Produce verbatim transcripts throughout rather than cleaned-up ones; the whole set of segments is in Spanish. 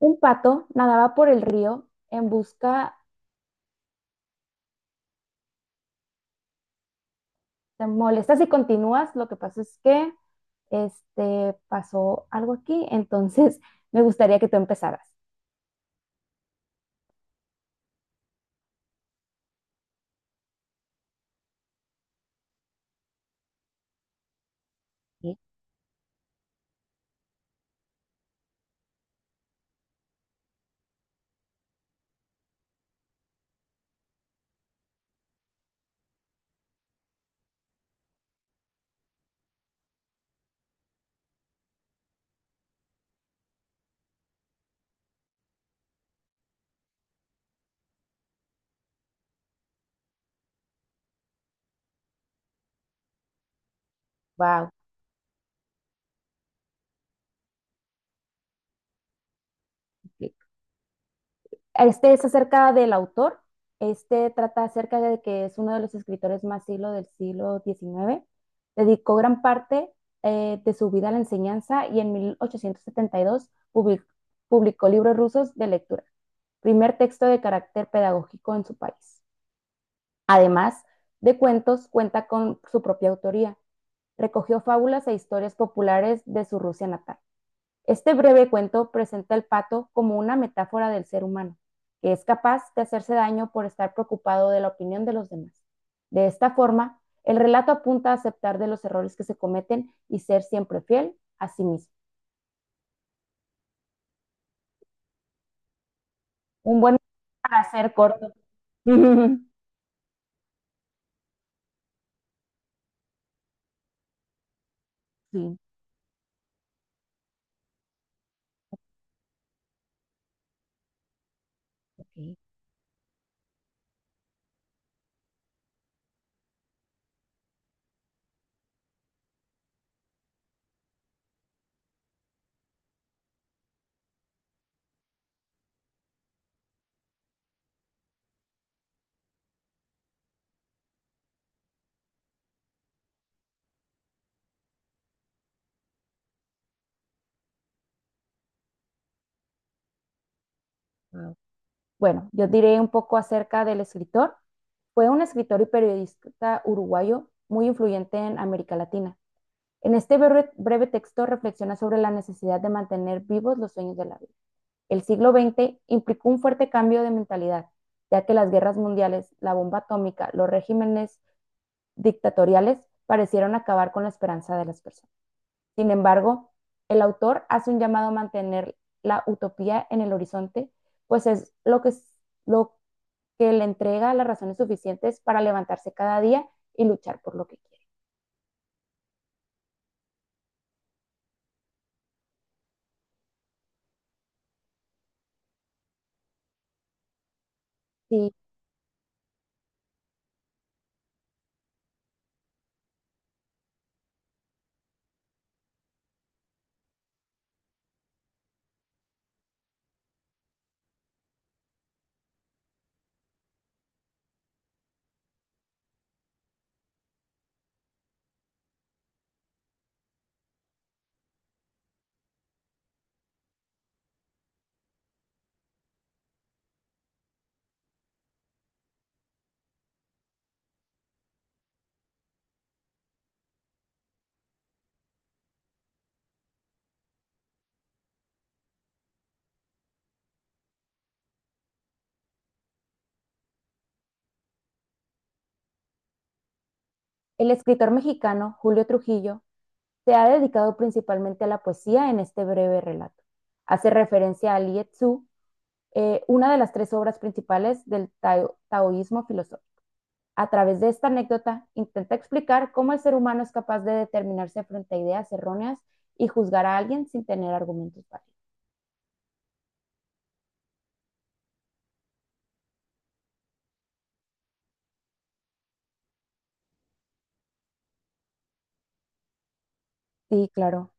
Un pato nadaba por el río en busca, te molestas y continúas, lo que pasa es que este, pasó algo aquí, entonces me gustaría que tú empezaras. Ok. Wow, ok. Este es acerca del autor, este trata acerca de que es uno de los escritores más siglo del siglo diecinueve. Dedicó gran parte eh, de su vida a la enseñanza y en mil ochocientos setenta y dos public- publicó publicó libros rusos de lectura, primer texto de carácter pedagógico en su país. Además de cuentos, cuenta con su propia autoría. Recogió fábulas e historias populares de su Rusia natal. Este breve cuento presenta al pato como una metáfora del ser humano, que es capaz de hacerse daño por estar preocupado de la opinión de los demás. De esta forma, el relato apunta a aceptar de los errores que se cometen y ser siempre fiel a sí mismo. Un buen para ser corto. Sí. Ok, wow. Bueno, yo diré un poco acerca del escritor. Fue un escritor y periodista uruguayo muy influyente en América Latina. En este breve, breve texto reflexiona sobre la necesidad de mantener vivos los sueños de la vida. El siglo veinte implicó un fuerte cambio de mentalidad, ya que las guerras mundiales, la bomba atómica, los regímenes dictatoriales parecieron acabar con la esperanza de las personas. Sin embargo, el autor hace un llamado a mantener la utopía en el horizonte, pues es lo que, lo que le entrega las razones suficientes para levantarse cada día y luchar por lo que quiere. Sí. El escritor mexicano Julio Trujillo se ha dedicado principalmente a la poesía en este breve relato. Hace referencia a Lietzu, eh, una de las tres obras principales del tao taoísmo filosófico. A través de esta anécdota intenta explicar cómo el ser humano es capaz de determinarse frente a ideas erróneas y juzgar a alguien sin tener argumentos válidos. Sí, claro,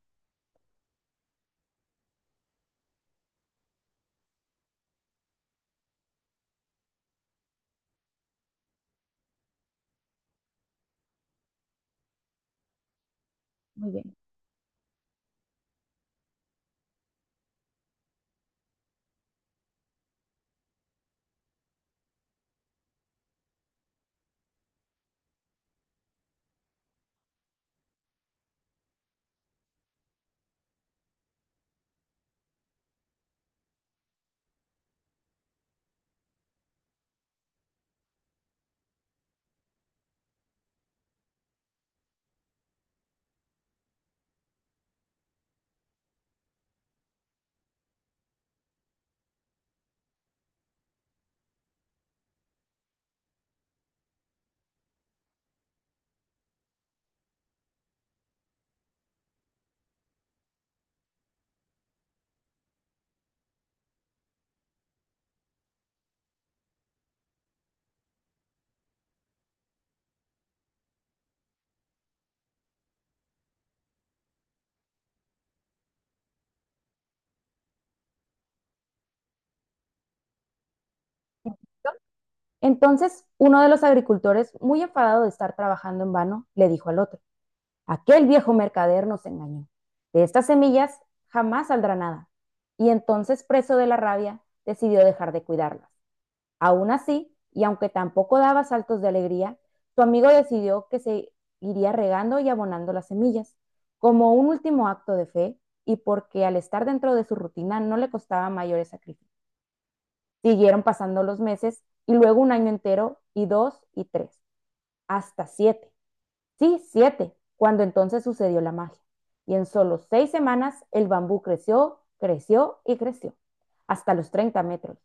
muy bien. Entonces, uno de los agricultores, muy enfadado de estar trabajando en vano, le dijo al otro, aquel viejo mercader nos engañó. De estas semillas jamás saldrá nada. Y entonces, preso de la rabia, decidió dejar de cuidarlas. Aún así, y aunque tampoco daba saltos de alegría, su amigo decidió que se iría regando y abonando las semillas, como un último acto de fe y porque al estar dentro de su rutina no le costaba mayores sacrificios. Siguieron pasando los meses y luego un año entero y dos y tres, hasta siete. Sí, siete, cuando entonces sucedió la magia. Y en solo seis semanas el bambú creció, creció y creció, hasta los treinta metros.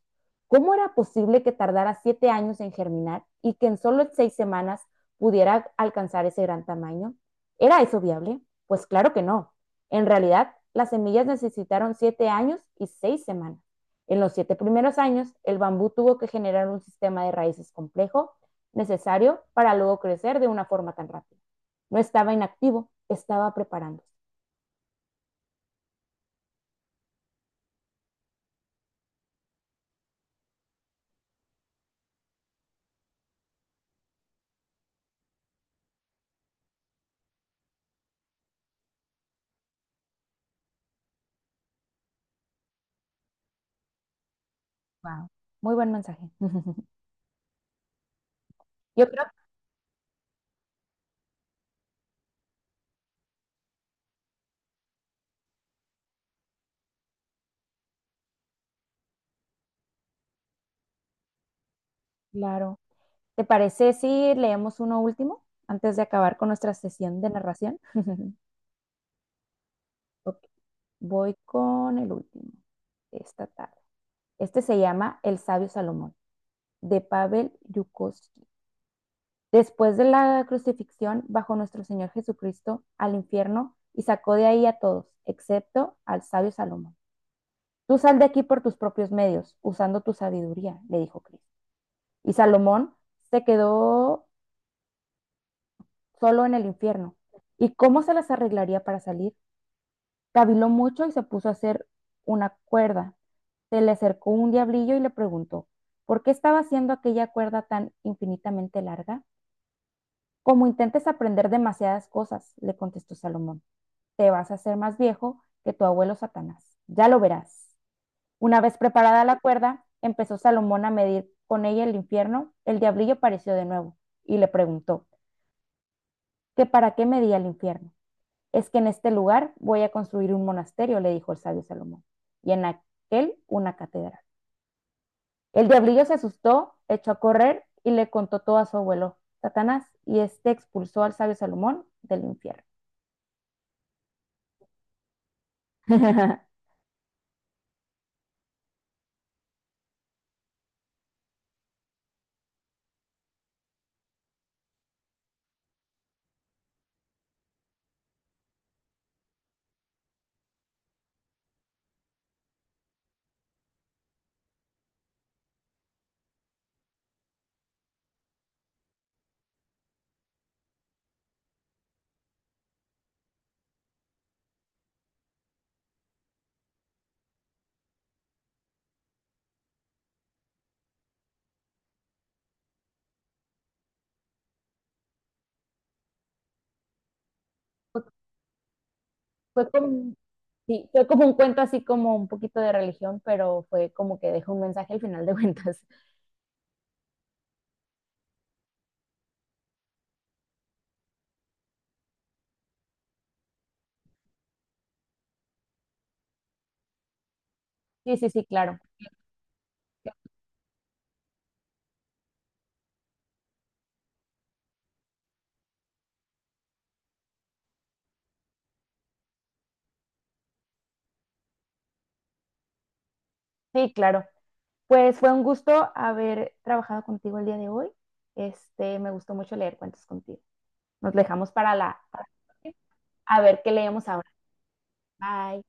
¿Cómo era posible que tardara siete años en germinar y que en solo seis semanas pudiera alcanzar ese gran tamaño? ¿Era eso viable? Pues claro que no. En realidad, las semillas necesitaron siete años y seis semanas. En los siete primeros años, el bambú tuvo que generar un sistema de raíces complejo necesario para luego crecer de una forma tan rápida. No estaba inactivo, estaba preparándose. Wow. Muy buen mensaje. Yo creo, claro. ¿Te parece si leemos uno último antes de acabar con nuestra sesión de narración? Ok, voy con el último de esta tarde. Este se llama El sabio Salomón, de Pavel Yukovsky. Después de la crucifixión, bajó nuestro Señor Jesucristo al infierno y sacó de ahí a todos, excepto al sabio Salomón. Tú sal de aquí por tus propios medios, usando tu sabiduría, le dijo Cristo. Y Salomón se quedó solo en el infierno. ¿Y cómo se las arreglaría para salir? Caviló mucho y se puso a hacer una cuerda. Se le acercó un diablillo y le preguntó, ¿por qué estaba haciendo aquella cuerda tan infinitamente larga? Como intentes aprender demasiadas cosas, le contestó Salomón, te vas a hacer más viejo que tu abuelo Satanás. Ya lo verás. Una vez preparada la cuerda, empezó Salomón a medir con ella el infierno. El diablillo apareció de nuevo y le preguntó, que para qué me di al infierno. Es que en este lugar voy a construir un monasterio, le dijo el sabio Salomón, y en aquel una catedral. El diablillo se asustó, echó a correr y le contó todo a su abuelo, Satanás, y este expulsó al sabio Salomón del infierno. Fue, como, sí, fue como un cuento así como un poquito de religión, pero fue como que dejó un mensaje al final de cuentas. Sí, sí, sí, claro. Sí, claro. Pues fue un gusto haber trabajado contigo el día de hoy. Este, me gustó mucho leer cuentos contigo. Nos dejamos para la, para- a ver qué leemos ahora. Bye.